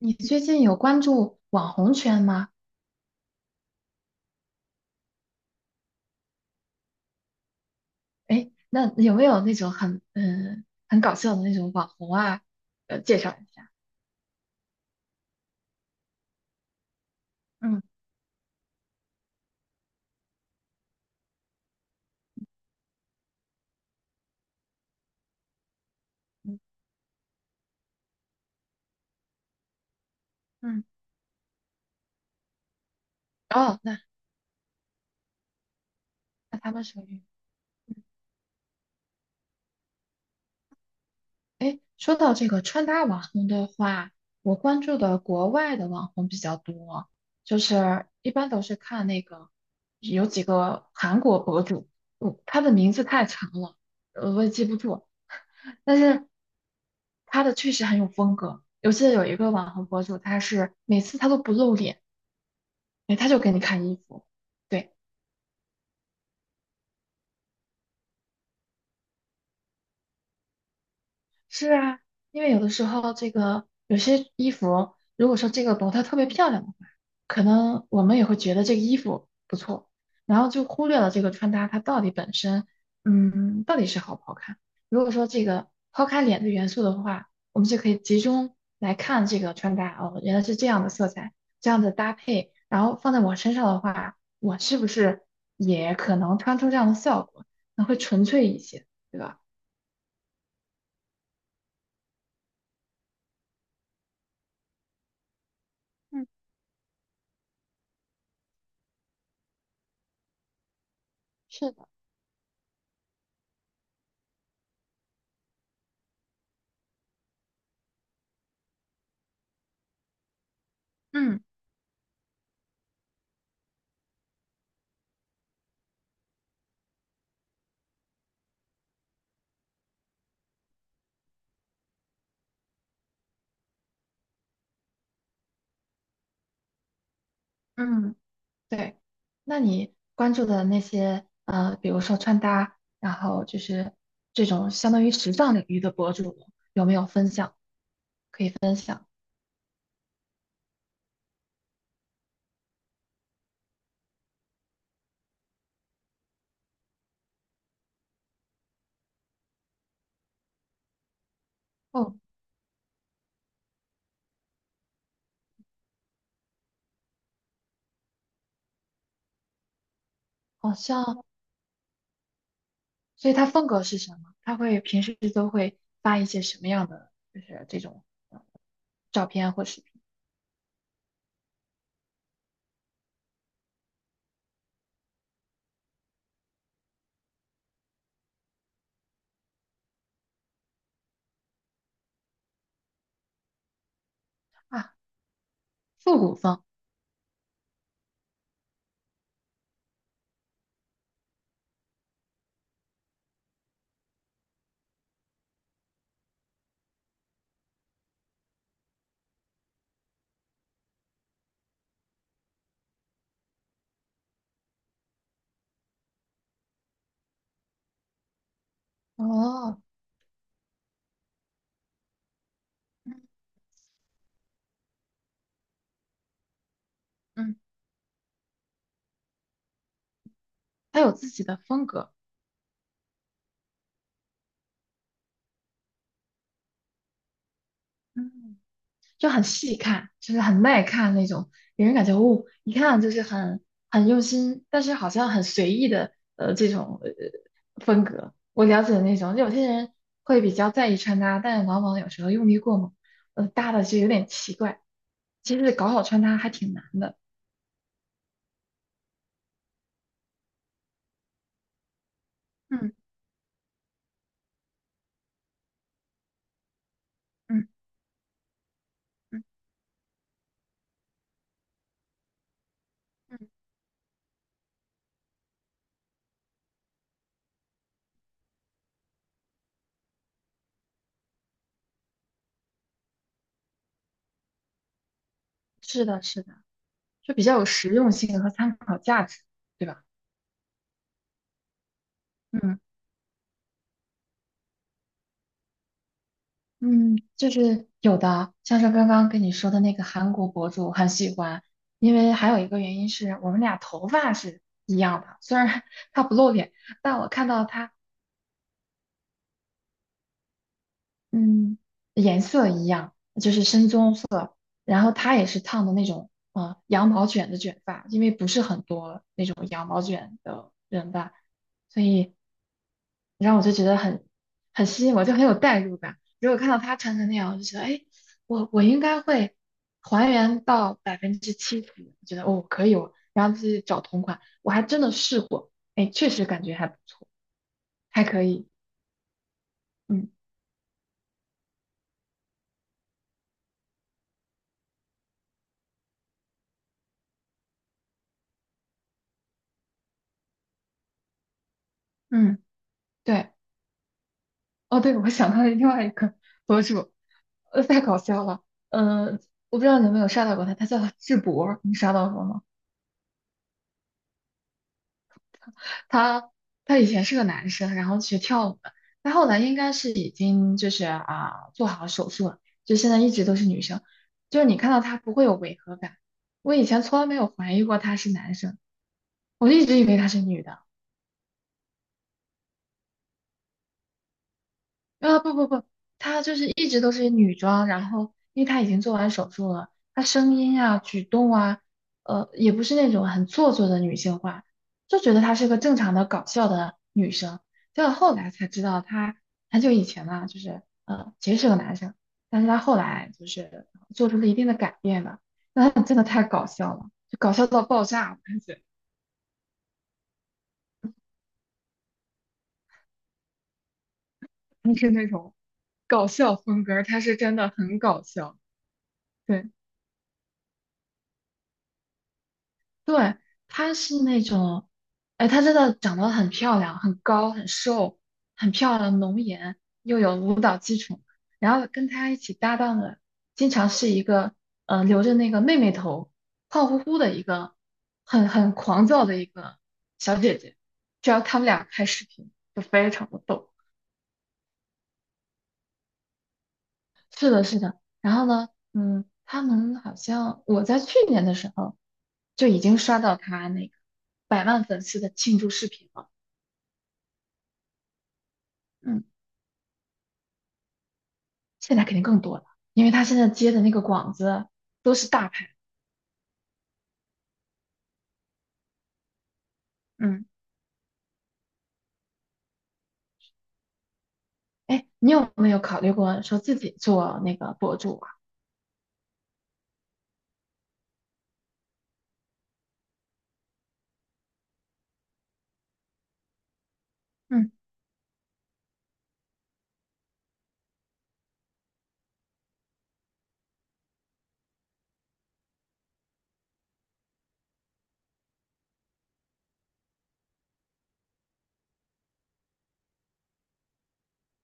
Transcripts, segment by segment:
你最近有关注网红圈吗？哎，那有没有那种很搞笑的那种网红啊？介绍一下。嗯嗯嗯。哦，那他们属于。嗯哎，说到这个穿搭网红的话，我关注的国外的网红比较多，就是一般都是看那个有几个韩国博主。嗯，他的名字太长了，我也记不住。但是他的确实很有风格。我记得有一个网红博主，他是每次他都不露脸，哎，他就给你看衣服，对。是啊，因为有的时候这个有些衣服，如果说这个模特特别漂亮的话，可能我们也会觉得这个衣服不错，然后就忽略了这个穿搭它到底本身，嗯，到底是好不好看。如果说这个抛开脸的元素的话，我们就可以集中来看这个穿搭，哦，原来是这样的色彩，这样的搭配，然后放在我身上的话，我是不是也可能穿出这样的效果？那会纯粹一些，对吧？嗯，是的。嗯。嗯，对。那你关注的那些比如说穿搭，然后就是这种相当于时尚领域的博主，有没有分享？哦，好像，所以他风格是什么？他会平时都会发一些什么样的，就是这种照片或视频啊？复古风。哦，嗯嗯，他有自己的风格。嗯。就很细看，就是很耐看那种，给人感觉哦，一看就是很用心，但是好像很随意的这种风格。我了解的那种，有些人会比较在意穿搭，但是往往有时候用力过猛，搭的就有点奇怪。其实搞好穿搭还挺难的。嗯嗯嗯嗯，是的，是的，就比较有实用性和参考价值，对吧？嗯。嗯，就是有的，像是刚刚跟你说的那个韩国博主，我很喜欢，因为还有一个原因是我们俩头发是一样的，虽然 他不露脸，但我看到他。嗯，颜色一样，就是深棕色，然后她也是烫的那种，羊毛卷的卷发，因为不是很多那种羊毛卷的人吧，所以然后我就觉得很吸引我，就很有代入感。如果看到她穿成那样，我就觉得，哎，我应该会还原到70%，我觉得哦可以哦，然后自己找同款，我还真的试过，哎，确实感觉还不错，还可以。嗯嗯，对。哦，对，我想到了另外一个博主，太搞笑了。嗯、我不知道你有没有刷到过他，他叫智博，你刷到过吗？他他以前是个男生，然后学跳舞的，他后来应该是已经就是啊做好手术了，就现在一直都是女生。就是你看到他不会有违和感。我以前从来没有怀疑过他是男生，我一直以为他是女的。啊，不不不，她就是一直都是女装，然后因为她已经做完手术了，她声音啊、举动啊，也不是那种很做作的女性化，就觉得她是个正常的搞笑的女生。结果后来才知道，她很久以前呢，就是其实是个男生，但是她后来就是做出了一定的改变吧。那她真的太搞笑了，就搞笑到爆炸，而且不是那种搞笑风格，她是真的很搞笑。对。对，她是那种，哎，她真的长得很漂亮，很高，很瘦，很漂亮，浓颜，又有舞蹈风，然后跟她一起搭档的，经常是一个，留着那个妹妹头，胖乎乎的一个，很狂躁的一个小姐姐。只要他们俩开视频，就非常的逗。是的，是的。然后呢，嗯，他们好像我在去年的时候就已经刷到他那个100万粉丝的庆祝视频了。嗯，现在肯定更多了，因为他现在接的那个广子都是大牌。嗯，哎，你有没有考虑过说自己做那个博主啊？嗯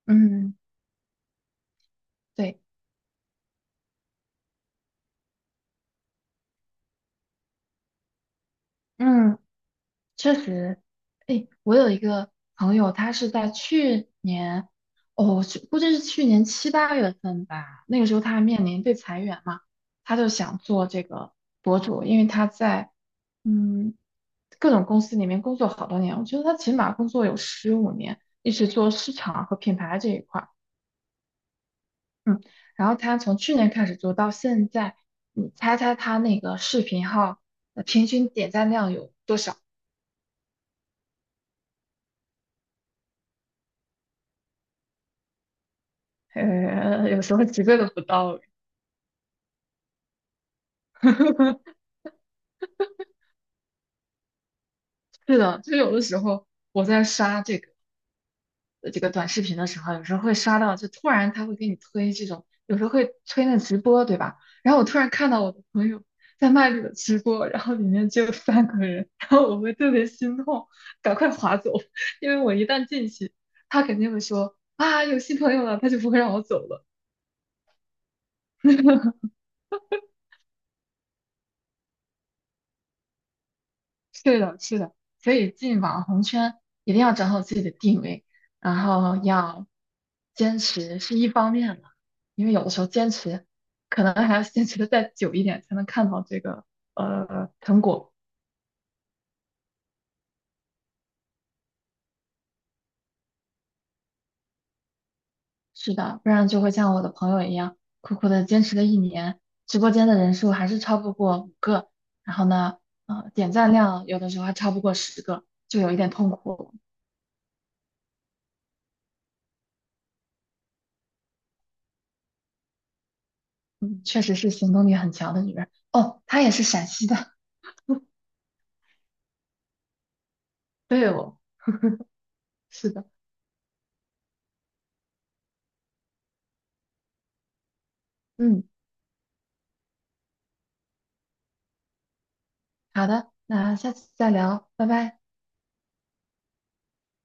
嗯，对。嗯。确实，哎，我有一个朋友，他是在去年，哦，去估计是去年7、8月份吧，那个时候他面临被裁员嘛，他就想做这个博主，因为他在。嗯各种公司里面工作好多年，我觉得他起码工作有15年，一直做市场和品牌这一块儿，嗯，然后他从去年开始做到现在，你猜猜他那个视频号平均点赞量有？多少？有时候几个都不到。是的，就有的时候我在刷这个这个短视频的时候，有时候会刷到，就突然他会给你推这种，有时候会推那直播，对吧？然后我突然看到我的朋友在卖这个直播，然后里面只有3个人，然后我会特别心痛，赶快划走，因为我一旦进去，他肯定会说啊有新朋友了，他就不会让我走了。是的，是的，所以进网红圈一定要找好自己的定位，然后要坚持是一方面的，因为有的时候坚持可能还要坚持的再久一点才能看到这个成果。是的，不然就会像我的朋友一样，苦苦的坚持了一年，直播间的人数还是超不过5个，然后呢，点赞量有的时候还超不过10个，就有一点痛苦。嗯，确实是行动力很强的女人。哦，她也是陕西的，对哦。是的。嗯，好的，那下次再聊，拜拜。